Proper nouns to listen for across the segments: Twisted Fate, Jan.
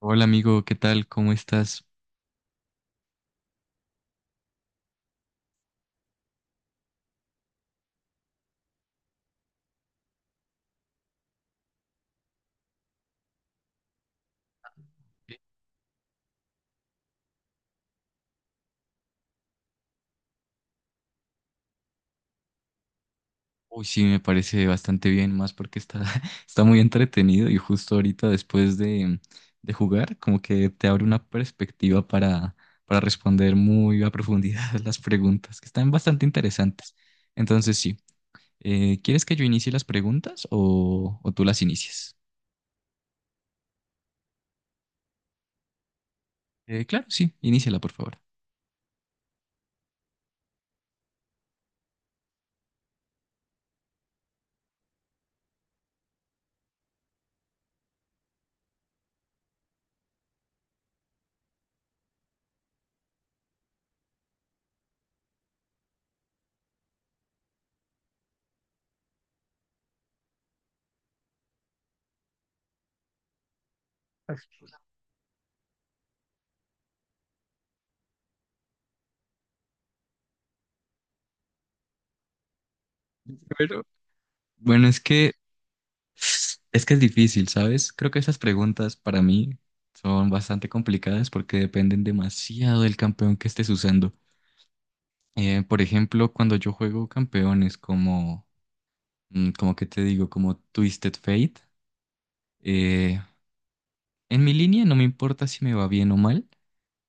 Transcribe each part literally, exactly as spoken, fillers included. Hola amigo, ¿qué tal? ¿Cómo estás? Eh, Uy, sí, me parece bastante bien, más porque está, está muy entretenido y justo ahorita después de, de jugar, como que te abre una perspectiva para, para responder muy a profundidad las preguntas, que están bastante interesantes. Entonces, sí, eh, ¿quieres que yo inicie las preguntas o, o tú las inicias? Eh, claro, sí, iníciala, por favor. Pero... Bueno, es que Es que es difícil, ¿sabes? Creo que esas preguntas para mí son bastante complicadas porque dependen demasiado del campeón que estés usando. Eh, por ejemplo, cuando yo juego campeones como, mm, como que te digo, como Twisted Fate, eh, en mi línea no me importa si me va bien o mal,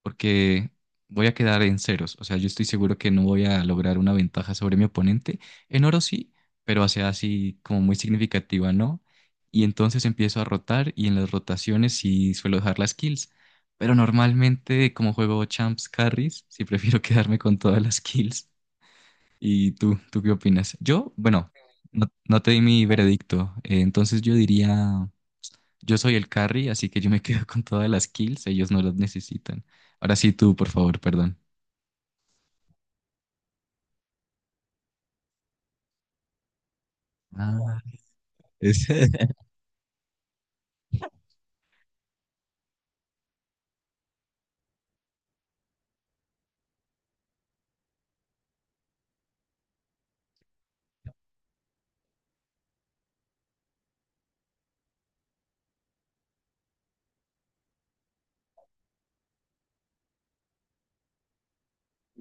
porque voy a quedar en ceros. O sea, yo estoy seguro que no voy a lograr una ventaja sobre mi oponente. En oro sí, pero hacia así como muy significativa, ¿no? Y entonces empiezo a rotar y en las rotaciones sí suelo dejar las kills. Pero normalmente, como juego champs carries, sí prefiero quedarme con todas las kills. ¿Y tú, tú qué opinas? Yo, bueno, no, no te di mi veredicto. Eh, entonces yo diría. Yo soy el carry, así que yo me quedo con todas las kills, ellos no las necesitan. Ahora sí tú, por favor, perdón. Ah, es-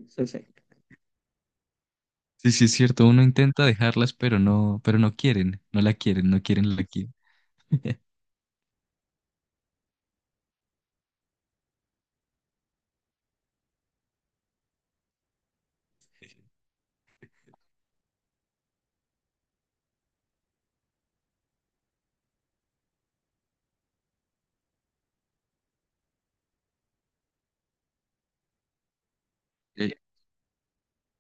Sí, sí. Sí, sí, es cierto, uno intenta dejarlas, pero no, pero no quieren, no la quieren, no quieren la kill. Eh,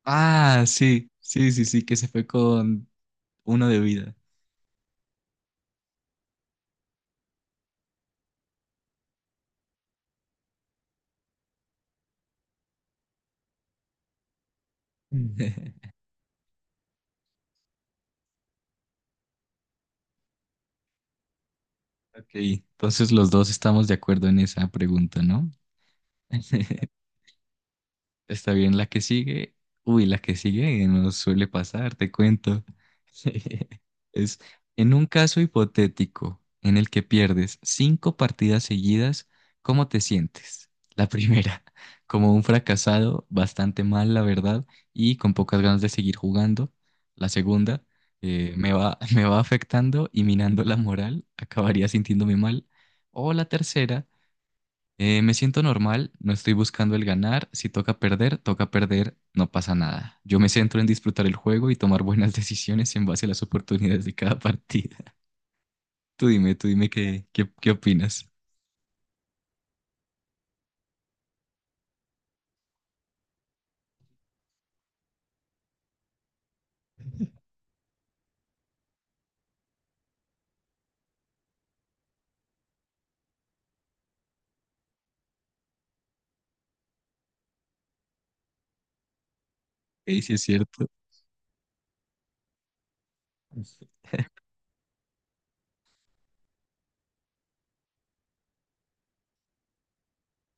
ah, sí, sí, sí, sí, que se fue con uno de vida. Ok, entonces los dos estamos de acuerdo en esa pregunta, ¿no? Está bien, la que sigue. Uy, la que sigue nos suele pasar, te cuento. Es en un caso hipotético en el que pierdes cinco partidas seguidas, ¿cómo te sientes? La primera, como un fracasado, bastante mal, la verdad, y con pocas ganas de seguir jugando. La segunda, eh, me va, me va afectando y minando la moral, acabaría sintiéndome mal. O la tercera, eh, me siento normal, no estoy buscando el ganar. Si toca perder, toca perder, no pasa nada. Yo me centro en disfrutar el juego y tomar buenas decisiones en base a las oportunidades de cada partida. Tú dime, tú dime qué, qué, qué opinas. Ey, sí es cierto.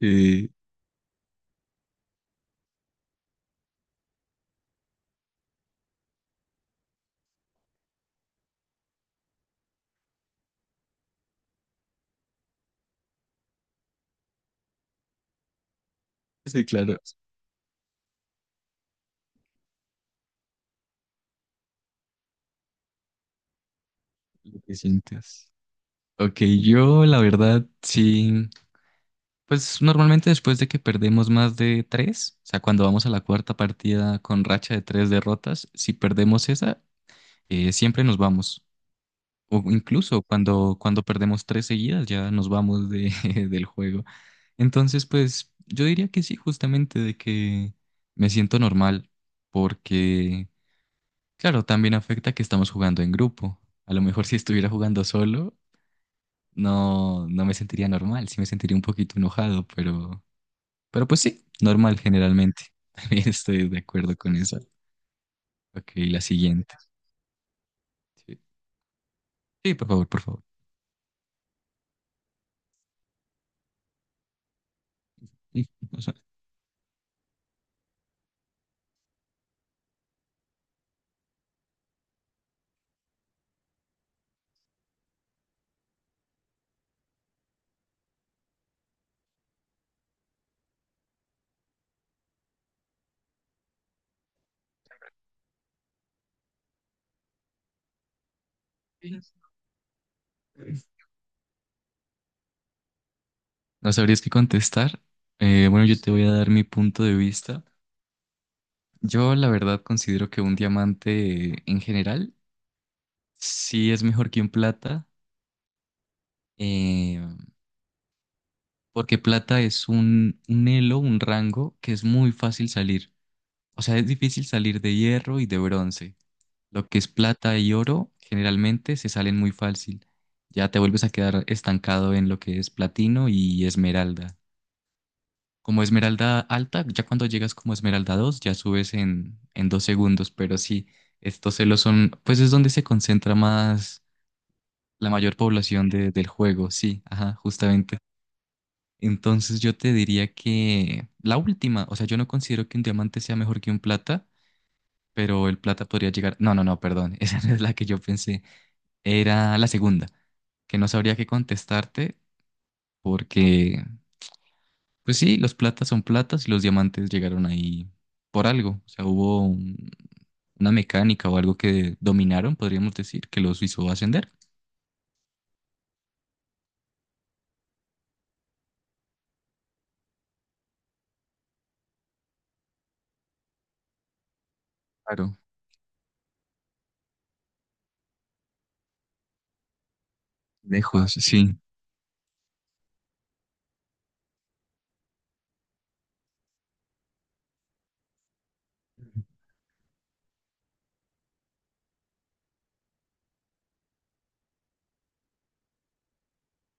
Eh, sí, claro, lo que sientes. Ok, yo la verdad sí, pues normalmente después de que perdemos más de tres, o sea, cuando vamos a la cuarta partida con racha de tres derrotas, si perdemos esa, eh, siempre nos vamos. O incluso cuando, cuando perdemos tres seguidas ya nos vamos de, del juego. Entonces, pues yo diría que sí, justamente de que me siento normal, porque, claro, también afecta que estamos jugando en grupo. A lo mejor si estuviera jugando solo, no, no me sentiría normal, sí me sentiría un poquito enojado, pero, pero pues sí, normal generalmente. También estoy de acuerdo con eso. Ok, la siguiente. Sí, sí, por favor, por favor. Sí. No sabrías qué contestar. Eh, bueno, yo te voy a dar mi punto de vista. Yo la verdad considero que un diamante eh, en general sí es mejor que un plata, eh, porque plata es un, un elo, un rango que es muy fácil salir. O sea, es difícil salir de hierro y de bronce. Lo que es plata y oro generalmente se salen muy fácil. Ya te vuelves a quedar estancado en lo que es platino y esmeralda. Como Esmeralda alta, ya cuando llegas como Esmeralda dos, ya subes en, en dos segundos, pero sí, estos celos son, pues es donde se concentra más la mayor población de- del juego, sí, ajá, justamente. Entonces yo te diría que la última, o sea, yo no considero que un diamante sea mejor que un plata, pero el plata podría llegar, no, no, no, perdón, esa no es la que yo pensé, era la segunda, que no sabría qué contestarte porque pues sí, los platas son platas y los diamantes llegaron ahí por algo. O sea, hubo un- una mecánica o algo que dominaron, podríamos decir, que los hizo ascender. Claro, lejos, sí,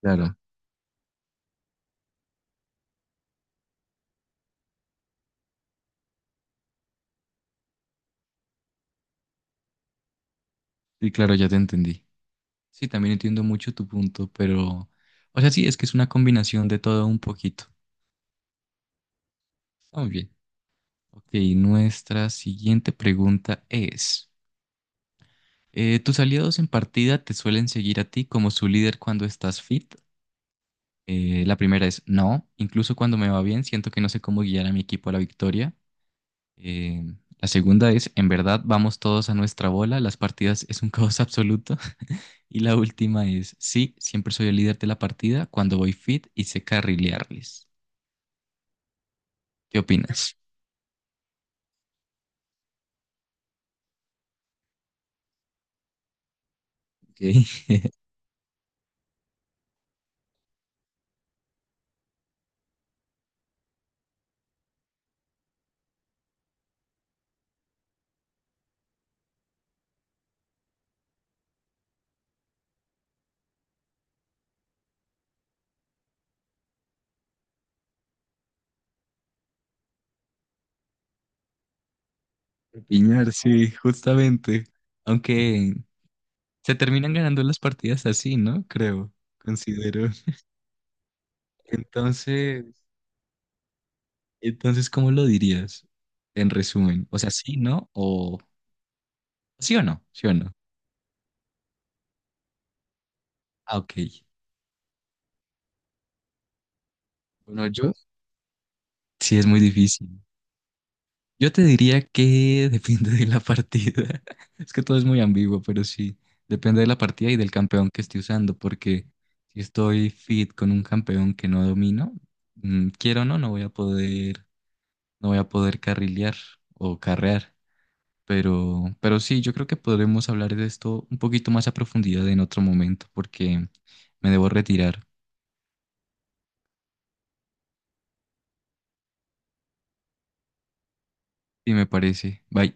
claro. Sí, claro, ya te entendí. Sí, también entiendo mucho tu punto, pero, o sea, sí, es que es una combinación de todo un poquito. Está muy bien. Ok, nuestra siguiente pregunta es, eh, ¿tus aliados en partida te suelen seguir a ti como su líder cuando estás fit? Eh, la primera es no, incluso cuando me va bien, siento que no sé cómo guiar a mi equipo a la victoria. Eh, la segunda es, en verdad, vamos todos a nuestra bola, las partidas es un caos absoluto. Y la última es, sí, siempre soy el líder de la partida cuando voy fit y sé carrilearles. ¿Qué opinas? Ok. Piñar, sí, justamente. Aunque se terminan ganando las partidas así, ¿no? Creo, considero. Entonces... Entonces, ¿cómo lo dirías en resumen? O sea, sí, ¿no? O sí o no, sí o no. Ah, ok. Bueno, yo sí es muy difícil. Yo te diría que depende de la partida. Es que todo es muy ambiguo, pero sí, depende de la partida y del campeón que esté usando, porque si estoy fit con un campeón que no domino, mm, quiero o no, no voy a poder, no voy a poder carrilear o carrear. Pero, pero sí, yo creo que podremos hablar de esto un poquito más a profundidad en otro momento, porque me debo retirar, y me parece. Bye.